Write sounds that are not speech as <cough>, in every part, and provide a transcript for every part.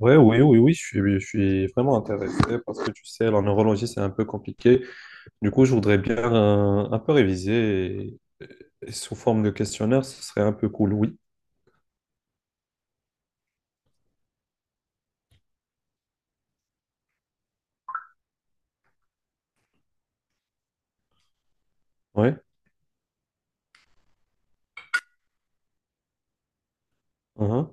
Ouais, oui, oui, oui, je suis vraiment intéressé parce que tu sais, la neurologie, c'est un peu compliqué. Du coup, je voudrais bien un peu réviser et sous forme de questionnaire, ce serait un peu cool, oui. Ouais. Mhm.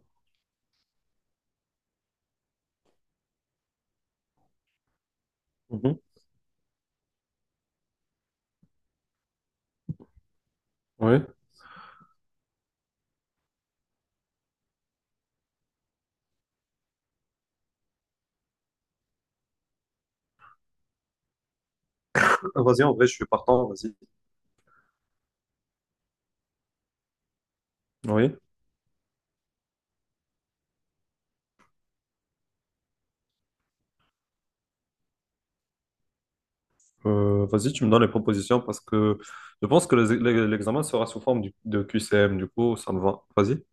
Mhm. Ouais. Vas-y, en vrai, je suis partant, vas-y. Oui. Vas-y, tu me donnes les propositions parce que je pense que l'examen sera sous forme de QCM, du coup, ça me va. Vas-y.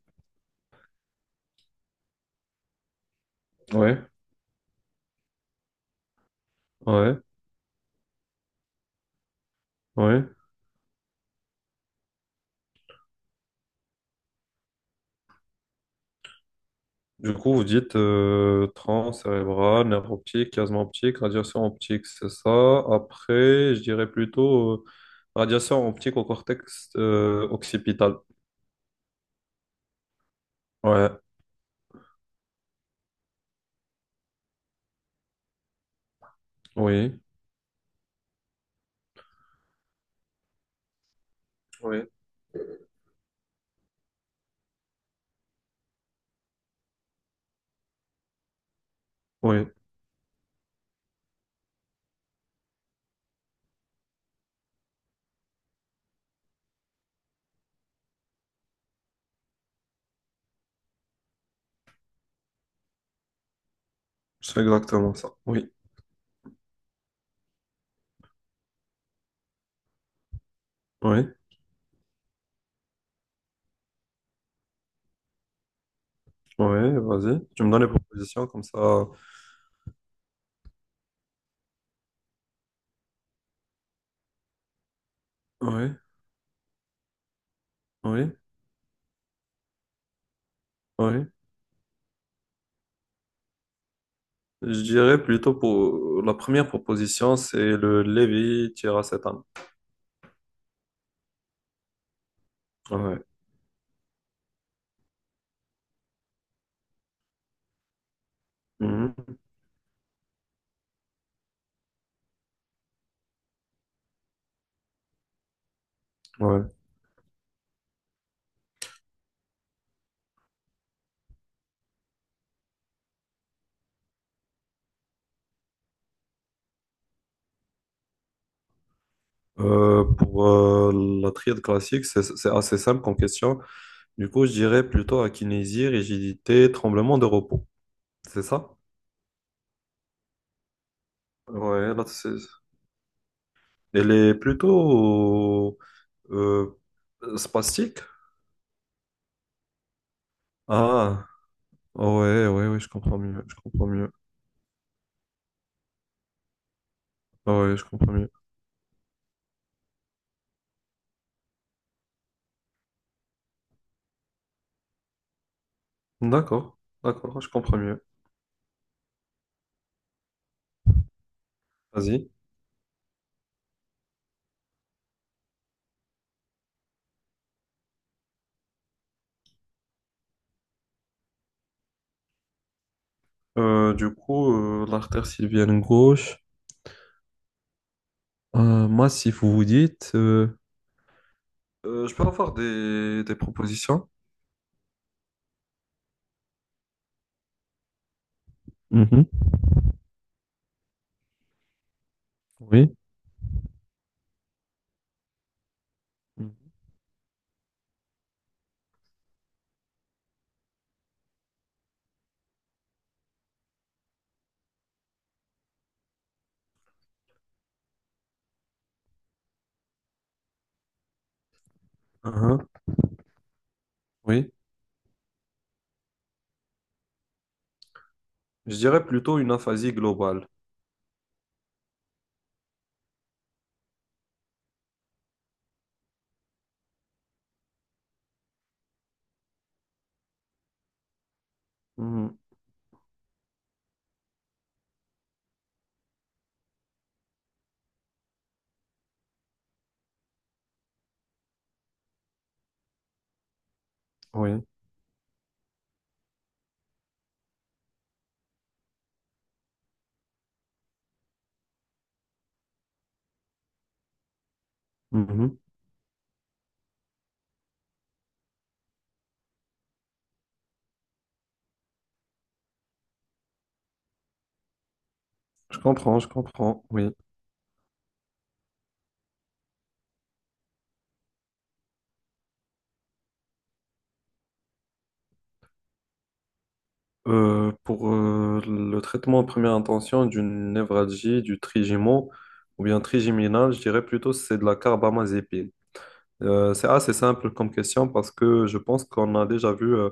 Ouais, ouais, ouais. Du coup, vous dites tronc cérébral, nerf optique, chiasme optique, radiation optique, c'est ça. Après, je dirais plutôt radiation optique au cortex occipital. Ouais, oui, oui, oui, c'est exactement ça. Oui, oui, oui, vas-y. Tu me donnes les propositions comme ça. Oui, oui, oui. Je dirais plutôt pour la première proposition, c'est le lévi tiracétane. Ouais. Mhm, ouais. Pour la triade classique, c'est assez simple comme question. Du coup, je dirais plutôt akinésie, rigidité, tremblement de repos. C'est ça? Ouais, là, elle est plutôt euh, spastique. Ah, ouais, ouais, ouais, je comprends mieux, je comprends mieux. Ah, ouais, je comprends mieux. D'accord, d'accord, je comprends mieux. Vas-y. Du coup, l'artère sylvienne gauche, massif, vous vous dites. Je peux avoir des propositions? Mhm. Oui. Mhm. Mhm. Oui, je dirais plutôt une aphasie globale. Mhm. Oui, Mhm. Je comprends, oui. Pour le traitement en première intention d'une névralgie, du trigémo ou bien trigéminal, je dirais plutôt c'est de la carbamazépine. C'est assez simple comme question parce que je pense qu'on a déjà vu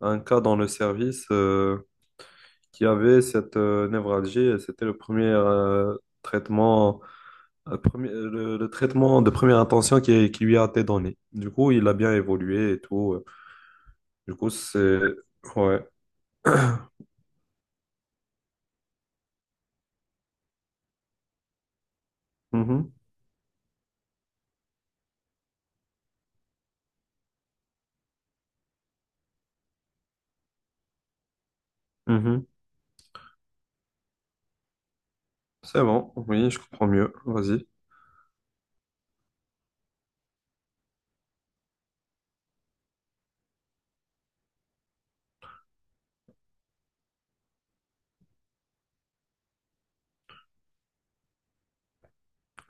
un cas dans le service qui avait cette névralgie et c'était le premier traitement. Le traitement de première intention qui lui a été donné. Du coup, il a bien évolué et tout. Du coup, c'est. Ouais. Mhm, mhm. C'est bon, oui, je comprends mieux. Vas-y.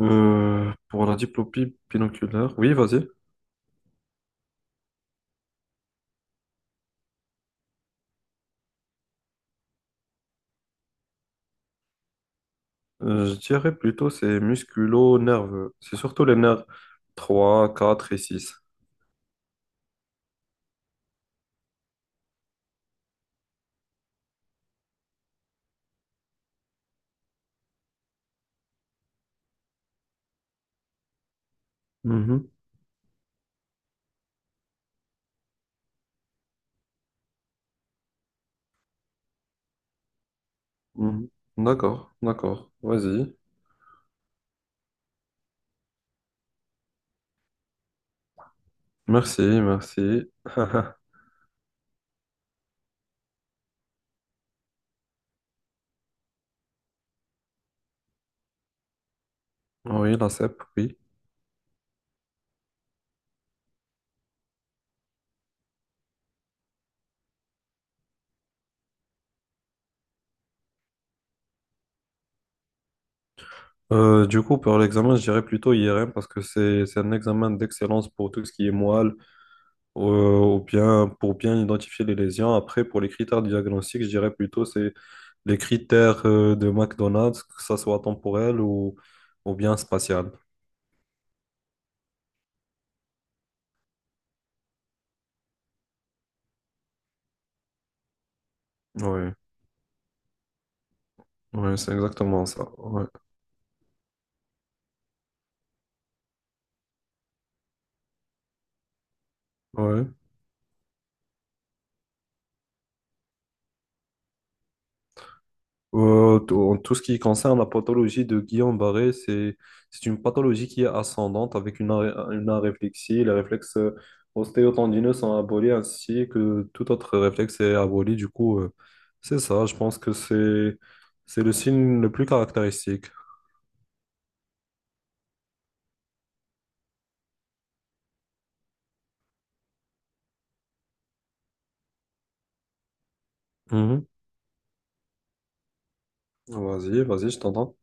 Pour la diplopie binoculaire, oui, vas-y. Je dirais plutôt c'est musculo-nerveux. C'est surtout les nerfs trois, quatre et six. Mhm, mhm. D'accord, d'accord. Vas-y. Merci, merci. <laughs> Oui, la CEP, oui. Du coup, pour l'examen, je dirais plutôt IRM parce que c'est un examen d'excellence pour tout ce qui est moelle, ou bien pour bien identifier les lésions. Après, pour les critères diagnostiques, je dirais plutôt c'est les critères de McDonald's, que ça soit temporel ou bien spatial. Oui, ouais, ouais, c'est exactement ça. Ouais, ouais. En tout ce qui concerne la pathologie de Guillain-Barré, c'est une pathologie qui est ascendante avec une aréflexie. Les réflexes ostéotendineux sont abolis ainsi que tout autre réflexe est aboli. Du coup, c'est ça. Je pense que c'est le signe le plus caractéristique. Mhm. Vas-y, vas-y, je t'entends.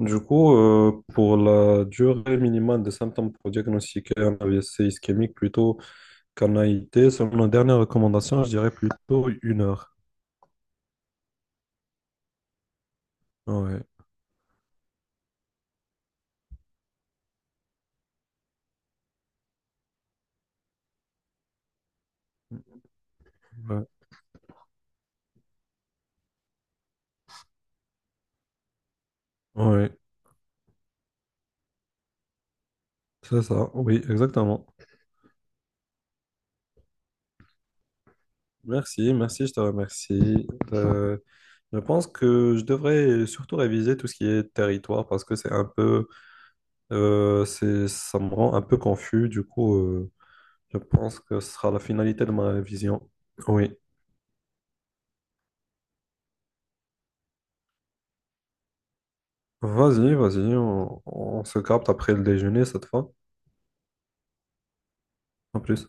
Du coup, pour la durée minimale des symptômes pour diagnostiquer un AVC ischémique plutôt qu'un AIT, selon nos dernières recommandations, je dirais plutôt 1 heure. Ouais. Ouais, ouais, c'est ça, oui, exactement. Merci, merci, je te remercie. Euh, je pense que je devrais surtout réviser tout ce qui est territoire parce que c'est un peu, ça me rend un peu confus. Du coup, je pense que ce sera la finalité de ma révision. Oui, vas-y, vas-y, on se capte après le déjeuner cette fois. En plus.